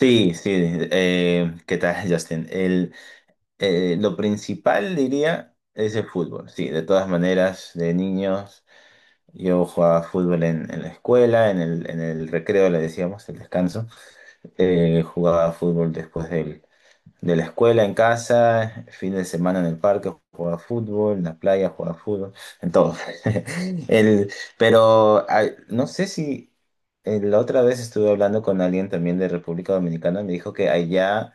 Sí, sí, ¿qué tal, Justin? Lo principal, diría, es el fútbol. Sí, de todas maneras, de niños, yo jugaba fútbol en la escuela, en el recreo, le decíamos, el descanso. Jugaba fútbol de la escuela, en casa, fin de semana en el parque, jugaba fútbol, en la playa, jugaba fútbol, en todo. El, pero ay, no sé si... La otra vez estuve hablando con alguien también de República Dominicana, me dijo que allá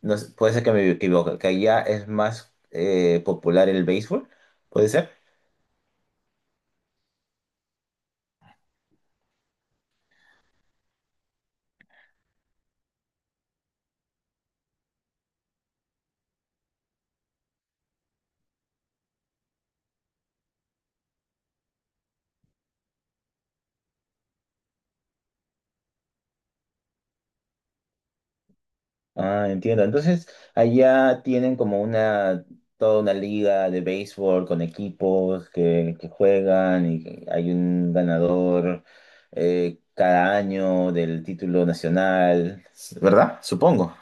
no sé, puede ser que me equivoque, que allá es más popular el béisbol, ¿puede ser? Ah, entiendo. Entonces, allá tienen como una, toda una liga de béisbol con equipos que juegan y hay un ganador cada año del título nacional, ¿verdad? Supongo.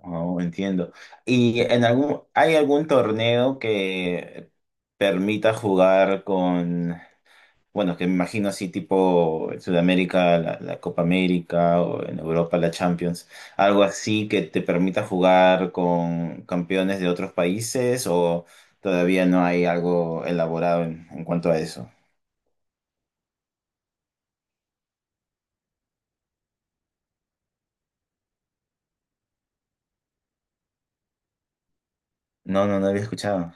Oh, entiendo. ¿Y hay algún torneo que permita jugar con... Bueno, que me imagino así tipo en Sudamérica, la Copa América o en Europa la Champions, algo así que te permita jugar con campeones de otros países o todavía no hay algo elaborado en cuanto a eso? No, no, no había escuchado.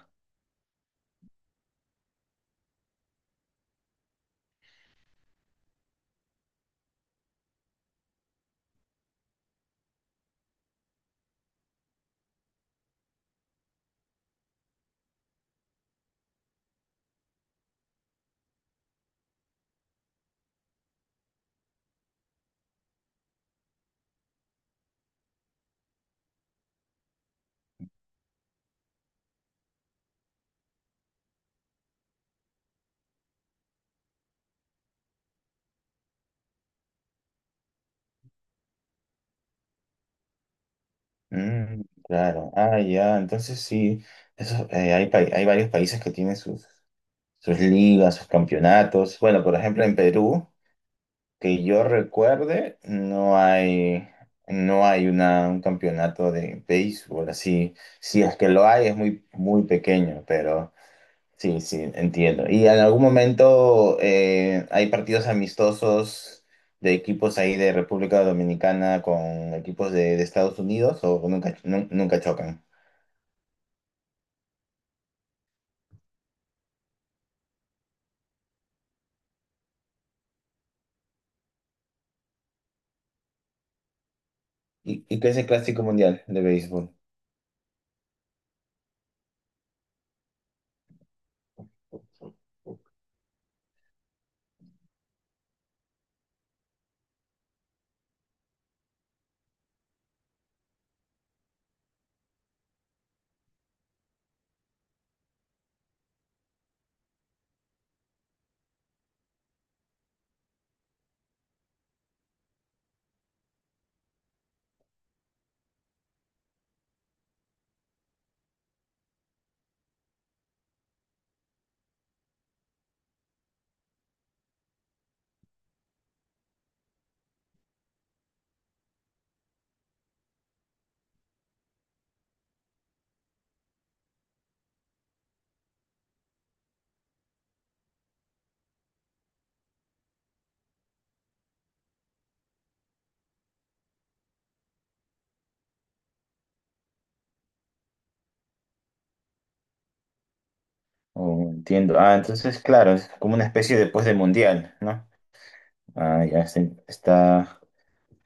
Mm, claro. Ah, ya, entonces sí, eso, hay, hay varios países que tienen sus, sus ligas, sus campeonatos. Bueno, por ejemplo, en Perú. Que yo recuerde, no hay un campeonato de béisbol así. Si es que lo hay, es muy, muy pequeño, pero sí, sí, entiendo. Y en algún momento hay partidos amistosos de equipos ahí de República Dominicana con equipos de Estados Unidos o nunca chocan. Y qué es el Clásico Mundial de béisbol? Oh, entiendo. Ah, entonces, claro, es como una especie después del Mundial, ¿no? Ah, está.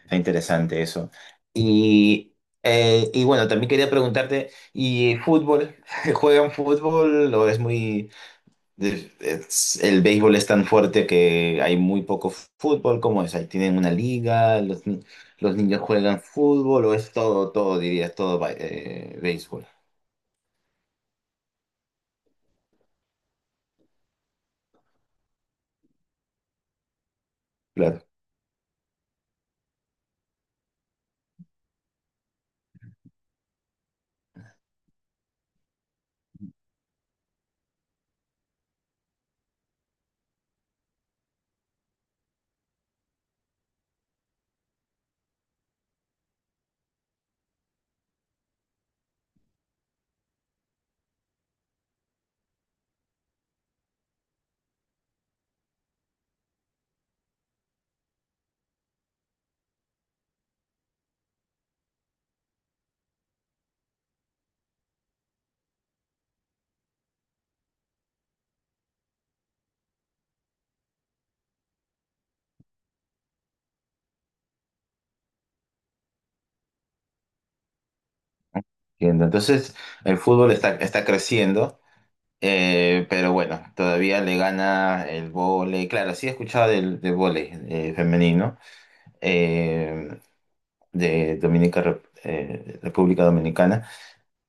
Está interesante eso. Y, y bueno, también quería preguntarte, ¿y fútbol? ¿Juegan fútbol o es muy... el béisbol es tan fuerte que hay muy poco fútbol? ¿Cómo es? ¿Ahí tienen una liga? ¿Los, ni- ¿Los niños juegan fútbol o es todo, todo, dirías, béisbol? Claro, entiendo. Entonces, el fútbol está creciendo. Pero bueno, todavía le gana el vóley. Claro, sí he escuchado del vóley femenino eh, de República Dominicana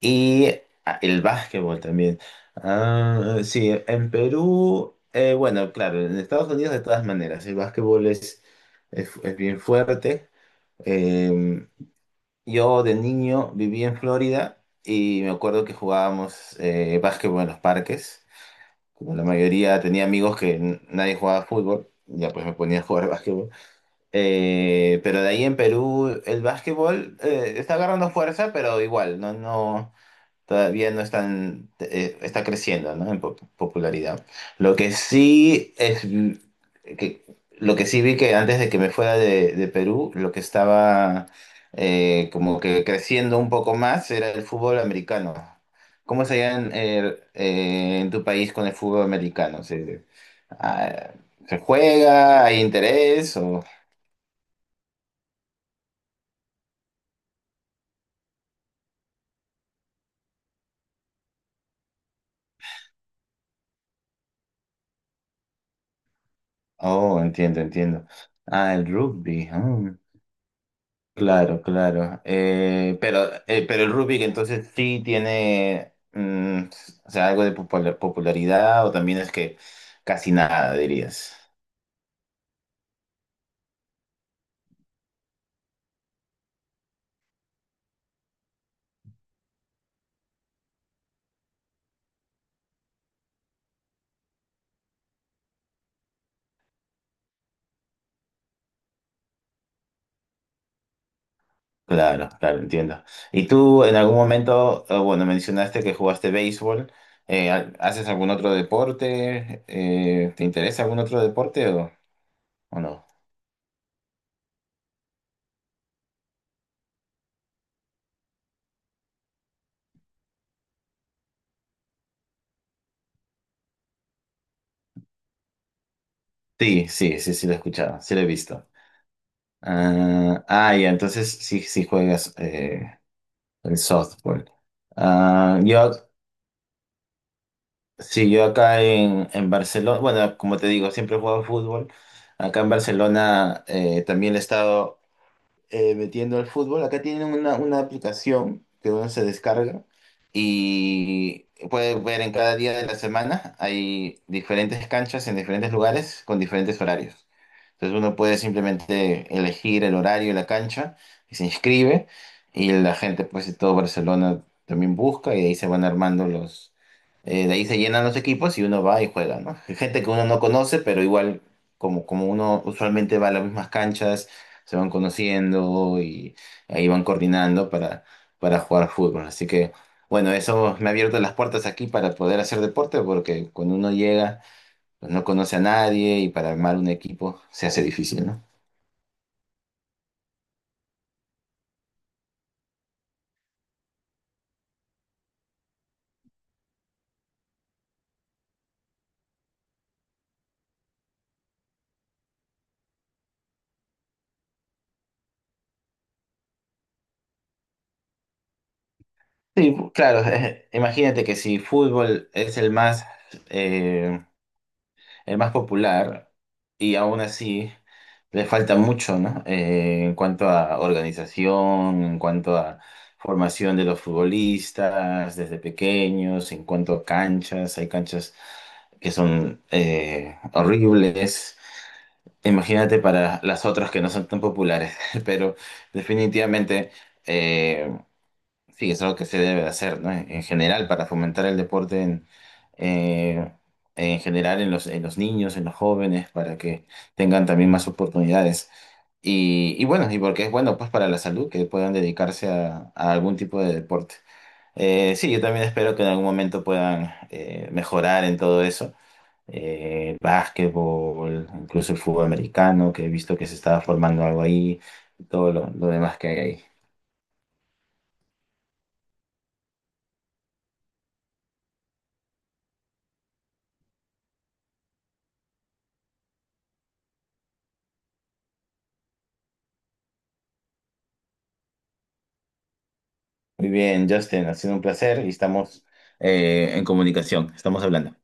y ah, el básquetbol también. Ah, sí, en Perú, bueno, claro, en Estados Unidos de todas maneras, el básquetbol es bien fuerte. Eh, yo de niño viví en Florida y me acuerdo que jugábamos básquetbol en los parques. Como la mayoría tenía amigos que nadie jugaba fútbol, ya pues me ponía a jugar básquetbol. Pero de ahí en Perú el básquetbol está agarrando fuerza, pero igual, todavía no están, está creciendo, ¿no? En popularidad. Lo que sí es mm, que lo que sí vi que antes de que me fuera de Perú, lo que estaba como que creciendo un poco más era el fútbol americano. ¿Cómo se llama en tu país con el fútbol americano? ¿Se, ah, ¿se juega? ¿Hay interés? O... Oh, entiendo, entiendo. Ah, el rugby. Ah, claro, claro. Pero el rugby entonces sí tiene mm, o sea, algo de popularidad o también es que casi nada, dirías. Claro, claro, entiendo. ¿Y tú en algún momento, bueno, mencionaste que jugaste béisbol, ¿haces algún otro deporte? ¿Te interesa algún otro deporte o no? Sí, sí, sí, sí lo he escuchado, sí lo he visto. Ah, ah, ya, entonces sí, sí juegas el softball. Ah, yo, sí, yo acá en Barcelona, bueno, como te digo, siempre he jugado fútbol. Acá en Barcelona también he estado metiendo al fútbol. Acá tienen una aplicación que uno se descarga y puede ver en cada día de la semana. Hay diferentes canchas en diferentes lugares con diferentes horarios. Entonces uno puede simplemente elegir el horario de la cancha y se inscribe y la gente pues de todo Barcelona también busca y de ahí se van armando los... de ahí se llenan los equipos y uno va y juega, ¿no? Hay gente que uno no conoce, pero igual como uno usualmente va a las mismas canchas se van conociendo y ahí van coordinando para jugar fútbol. Así que, bueno, eso me ha abierto las puertas aquí para poder hacer deporte, porque cuando uno llega, pues no conoce a nadie y para armar un equipo se hace difícil, ¿no? Sí, claro, imagínate que si fútbol es eh, el más popular y aún así le falta mucho, ¿no? En cuanto a organización, en cuanto a formación de los futbolistas desde pequeños, en cuanto a canchas, hay canchas que son horribles. Imagínate para las otras que no son tan populares, pero definitivamente eh, sí, es algo que se debe hacer, ¿no? En general, para fomentar el deporte eh, en general en los niños, en los jóvenes, para que tengan también más oportunidades. Y bueno, y porque es bueno, pues para la salud, que puedan dedicarse a algún tipo de deporte. Sí, yo también espero que en algún momento puedan mejorar en todo eso. Básquetbol, incluso el fútbol americano, que he visto que se estaba formando algo ahí, y todo lo demás que hay ahí. Muy bien, Justin, ha sido un placer y estamos en comunicación, estamos hablando.